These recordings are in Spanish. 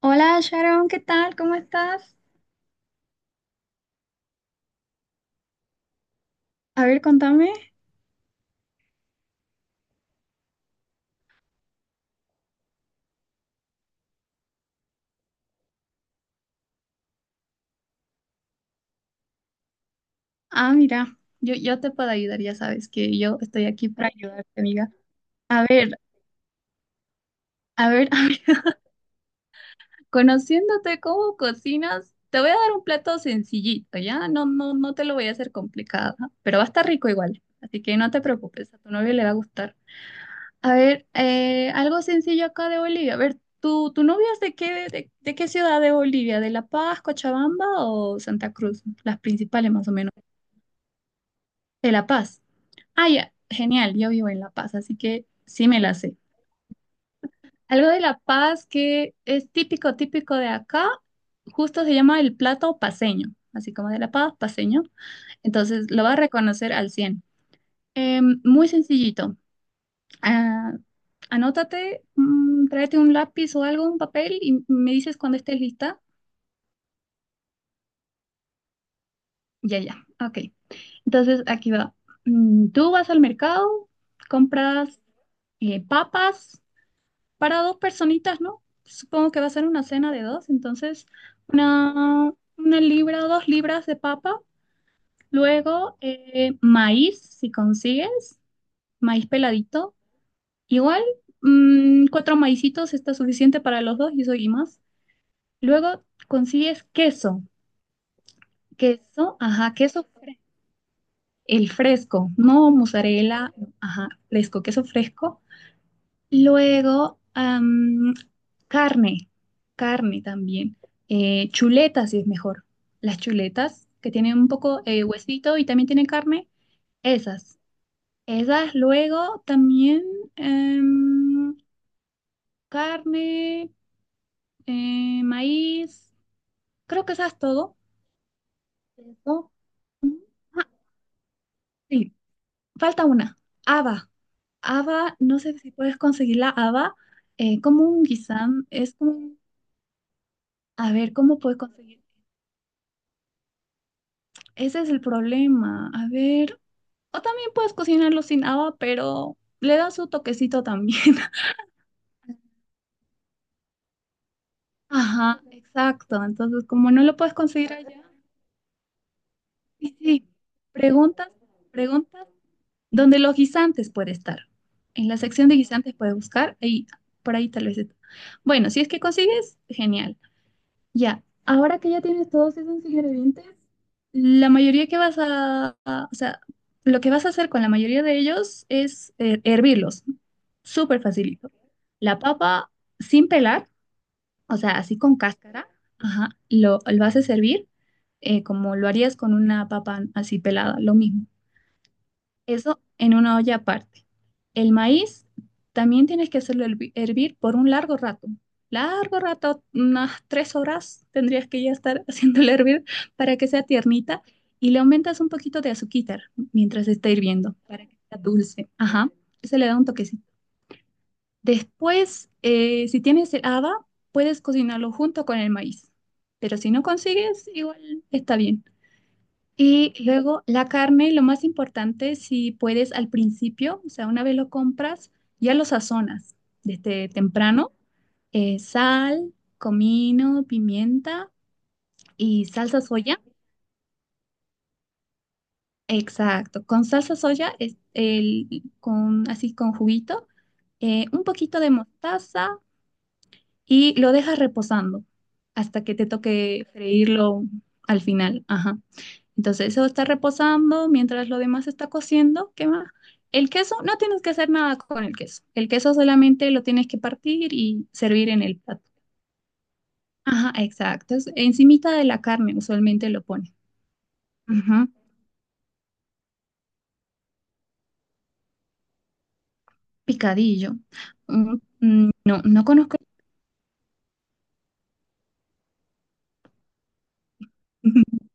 Hola Sharon, ¿qué tal? ¿Cómo estás? A ver, contame. Ah, mira, yo te puedo ayudar, ya sabes que yo estoy aquí para ayudarte, amiga. A ver, a ver, a ver, conociéndote cómo cocinas, te voy a dar un plato sencillito, ¿ya? No, no, no te lo voy a hacer complicado, ¿ah? Pero va a estar rico igual, así que no te preocupes, a tu novio le va a gustar. A ver, algo sencillo acá de Bolivia. A ver, ¿tu novia es de qué, de qué ciudad de Bolivia? ¿De La Paz, Cochabamba o Santa Cruz? Las principales más o menos. De La Paz. Ah, ya, genial, yo vivo en La Paz, así que sí me la sé. Algo de La Paz que es típico, típico de acá, justo se llama el plato paceño, así como de La Paz, paceño. Entonces lo vas a reconocer al cien. Muy sencillito. Ah, anótate, tráete un lápiz o algo, un papel y me dices cuando estés lista. Ya, ya, ok. Entonces aquí va. Tú vas al mercado, compras papas. Para dos personitas, ¿no? Supongo que va a ser una cena de dos, entonces una, una libra, dos libras de papa, luego maíz, si consigues, maíz peladito, igual cuatro maicitos está suficiente para los dos y eso y más. Luego consigues queso. Queso, ajá, queso, el fresco, no mozzarella, ajá, fresco, queso fresco. Luego, carne, carne también. Chuletas, si es mejor. Las chuletas que tienen un poco huesito y también tienen carne, esas. Esas luego también em, carne, maíz, creo que esas todo. Eso. Ujú. Ah, sí, falta una, haba. Haba, no sé si puedes conseguir la haba, como un guisán, a ver, ¿cómo puedes conseguir? Ese es el problema. A ver, o también puedes cocinarlo sin agua, pero le da su toquecito también. Ajá, exacto. Entonces, como no lo puedes conseguir allá, sí, sí. Preguntas, preguntas, donde los guisantes puede estar. En la sección de guisantes puedes buscar ahí, por ahí tal vez está. Bueno, si es que consigues, genial. Ya, ahora que ya tienes todos esos ingredientes, la mayoría que o sea, lo que vas a hacer con la mayoría de ellos es hervirlos, ¿no? Súper facilito. La papa sin pelar, o sea, así con cáscara, ajá, lo vas a servir como lo harías con una papa así pelada, lo mismo. Eso en una olla aparte. El maíz también tienes que hacerlo hervir por un largo rato. Largo rato, unas tres horas tendrías que ya estar haciéndolo hervir para que sea tiernita, y le aumentas un poquito de azúcar mientras está hirviendo para que sea dulce. Ajá, se le da un toquecito. Después, si tienes el haba, puedes cocinarlo junto con el maíz, pero si no consigues, igual está bien. Y luego la carne, lo más importante, si puedes al principio, o sea, una vez lo compras, ya lo sazonas desde temprano. Sal, comino, pimienta y salsa soya. Exacto, con salsa soya, así con juguito, un poquito de mostaza, y lo dejas reposando hasta que te toque freírlo al final. Ajá. Entonces eso está reposando mientras lo demás está cociendo. ¿Qué más? El queso, no tienes que hacer nada con el queso. El queso solamente lo tienes que partir y servir en el plato. Ajá, exacto. Es encimita de la carne usualmente lo ponen. Ajá, picadillo. Mm, no, no conozco.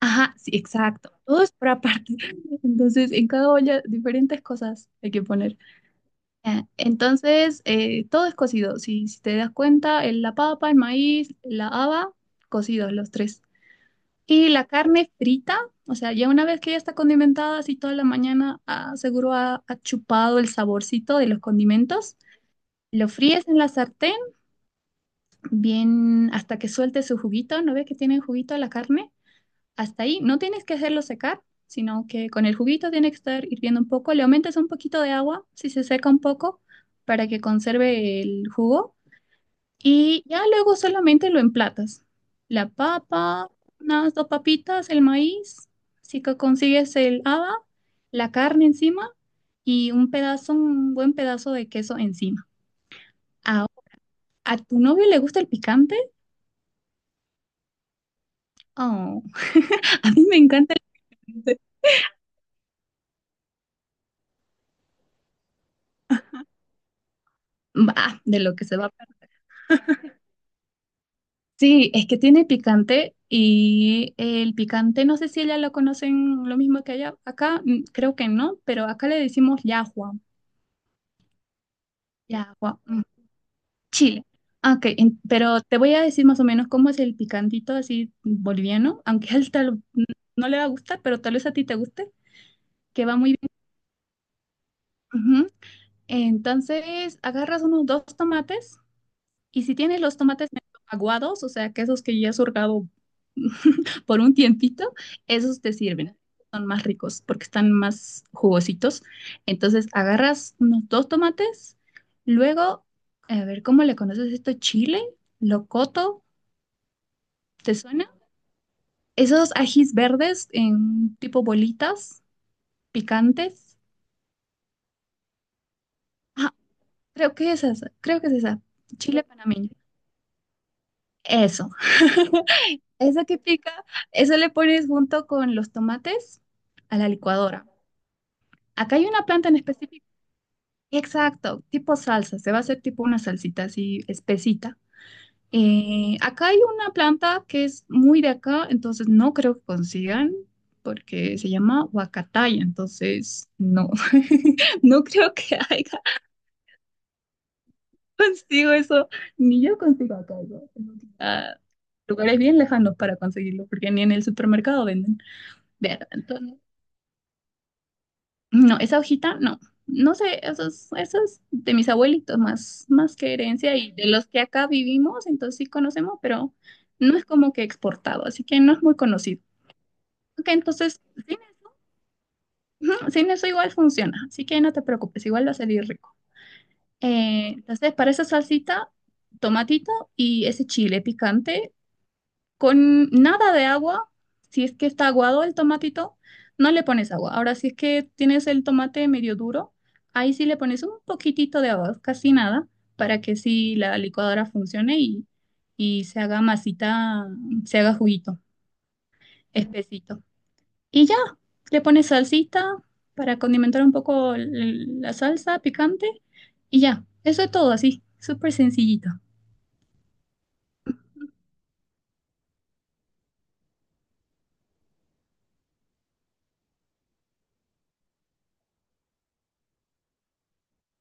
Ajá, sí, exacto. Todo es por aparte. Entonces, en cada olla diferentes cosas hay que poner. Ya, entonces, todo es cocido. Si te das cuenta, la papa, el maíz, la haba, cocidos los tres. Y la carne frita, o sea, ya una vez que ya está condimentada, así toda la mañana, ah, seguro ha chupado el saborcito de los condimentos. Lo fríes en la sartén, bien hasta que suelte su juguito. ¿No ves que tiene juguito la carne? Hasta ahí no tienes que hacerlo secar, sino que con el juguito tiene que estar hirviendo un poco. Le aumentas un poquito de agua si se seca un poco, para que conserve el jugo. Y ya luego solamente lo emplatas. La papa, unas dos papitas, el maíz, si consigues el haba, la carne encima y un buen pedazo de queso encima. Ahora, ¿a tu novio le gusta el picante? Oh, a mí me encanta el picante. Bah, de lo que se va. Sí, es que tiene picante y el picante, no sé si ella lo conocen lo mismo que allá. Acá creo que no, pero acá le decimos yahua, yahua, chile. Ah, ok, pero te voy a decir más o menos cómo es el picantito así boliviano, aunque a él tal, no le va a gustar, pero tal vez a ti te guste, que va muy bien. Ujú. Entonces, agarras unos dos tomates. Y si tienes los tomates medio aguados, o sea, que esos que ya has hurgado por un tiempito, esos te sirven. Son más ricos porque están más jugositos. Entonces agarras unos dos tomates, luego, a ver, ¿cómo le conoces esto? Chile, locoto, ¿te suena? Esos ajís verdes en tipo bolitas, picantes. Ah, creo que es esa, creo que es esa. Chile panameño. Eso. Esa que pica, eso le pones junto con los tomates a la licuadora. Acá hay una planta en específico. Exacto, tipo salsa, se va a hacer tipo una salsita así espesita. Acá hay una planta que es muy de acá, entonces no creo que consigan porque se llama huacataya, entonces no, no creo que haya consigo eso, ni yo consigo acá eso. Tengo que ir a lugares bien lejanos para conseguirlo, porque ni en el supermercado venden. Verdad, no, esa hojita, no. No sé, eso es de mis abuelitos, más que herencia, y de los que acá vivimos, entonces sí conocemos, pero no es como que exportado, así que no es muy conocido. Ok, entonces, sin, ujú, sin eso igual funciona, así que no te preocupes, igual va a salir rico. Entonces, para esa salsita, tomatito y ese chile picante, con nada de agua. Si es que está aguado el tomatito, no le pones agua. Ahora, si es que tienes el tomate medio duro, ahí sí le pones un poquitito de agua, casi nada, para que sí la licuadora funcione, y se haga masita, se haga juguito, espesito. Y ya, le pones salsita para condimentar un poco la salsa picante y ya, eso es todo así, súper sencillito.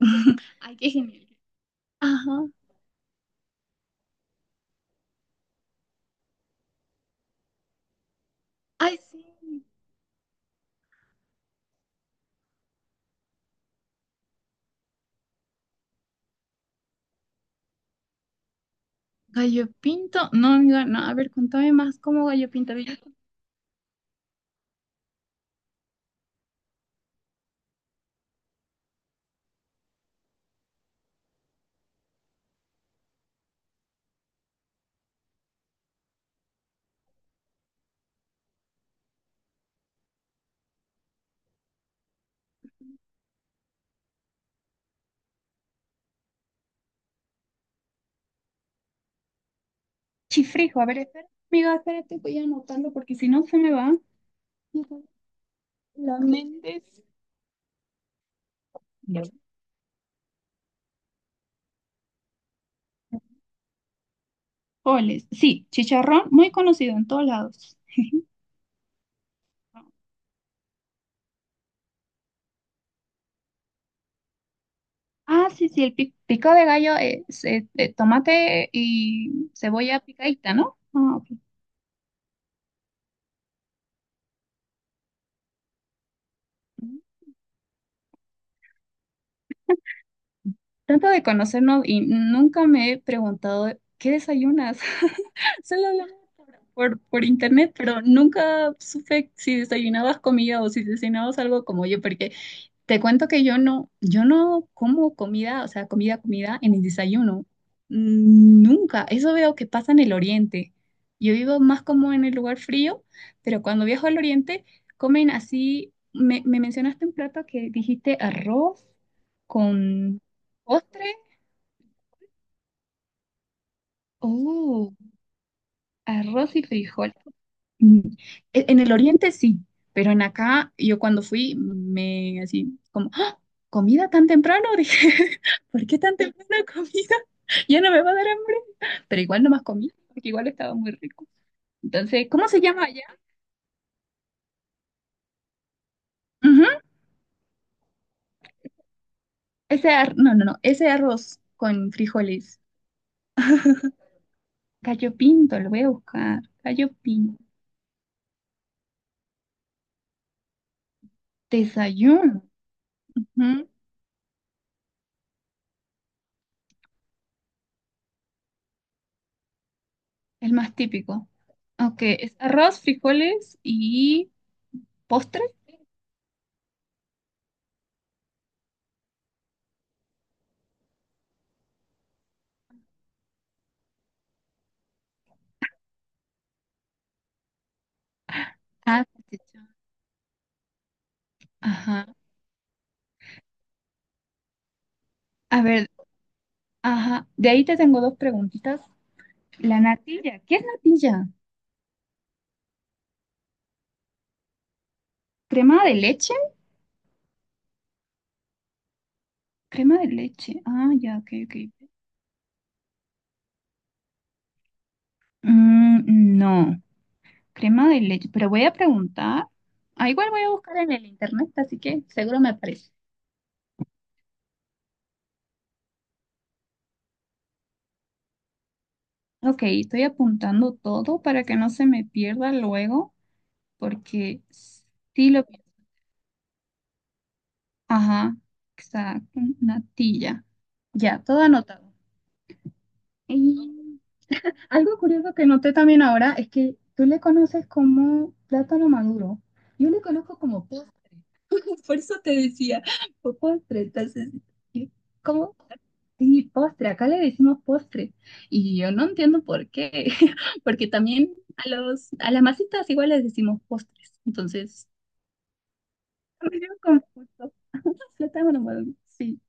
Ay, qué genial. Ajá. Ay, sí. Gallo pinto. No, amiga, no. A ver, contame más cómo gallo pinto. A ver, chifrijo, a ver, espera. Amiga, espérate, voy a anotarlo porque si no se me va. La Méndez. Frijoles. Sí, chicharrón, muy conocido en todos lados. Ah, sí, sí, pico de gallo es tomate y cebolla picadita, ¿no? Ah, ok. Tanto de conocernos y nunca me he preguntado qué desayunas. Solo hablamos por internet, pero nunca supe si desayunabas comida o si desayunabas algo como yo, porque te cuento que yo no como comida, o sea, comida, comida en el desayuno. Nunca. Eso veo que pasa en el oriente. Yo vivo más como en el lugar frío, pero cuando viajo al oriente comen así. Me mencionaste un plato que dijiste arroz con postre. Oh, arroz y frijol. Mm, En el oriente sí, pero en acá yo cuando fui me así como, "¡Ah! ¿Comida tan temprano?" Dije, ¿por qué tan temprano comida? Ya no me va a dar hambre. Pero igual no más comí, porque igual estaba muy rico. Entonces, ¿cómo se llama allá? Ujú. Ese no, no, no, ese arroz con frijoles. Gallo pinto, lo voy a buscar. Gallo pinto. Desayuno. Ujú. El más típico. Ok, es arroz, frijoles y postre. Ah, salchichón. Ajá. A ver, ajá. De ahí te tengo dos preguntitas. La natilla. ¿Qué es natilla? ¿Crema de leche? Crema de leche. Ah, ya, ok, ok. No, crema de leche. Pero voy a preguntar. Ah, igual voy a buscar en el internet, así que seguro me aparece. Ok, estoy apuntando todo para que no se me pierda luego, porque sí lo... Ajá, exacto, natilla. Ya, todo anotado. Y algo curioso que noté también ahora es que tú le conoces como plátano maduro. Yo le conozco como postre. Por eso te decía, postre. Entonces, y- ¿cómo? Sí, postre. Acá le decimos postre. Y yo no entiendo por qué. Porque también a los, a las masitas igual les decimos postres. Entonces, me dio confuso. Plátano maduro, sí.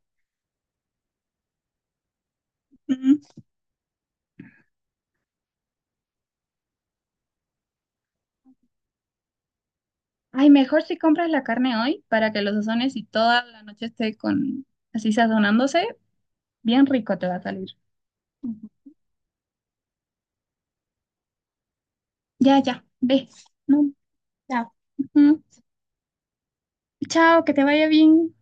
Mm. Ay, mejor si compras la carne hoy para que los sazones y toda la noche esté con así sazonándose. Bien rico te va a salir. Ujú. Ya, ya, ves. No. Ya. Ujú. Chao, que te vaya bien.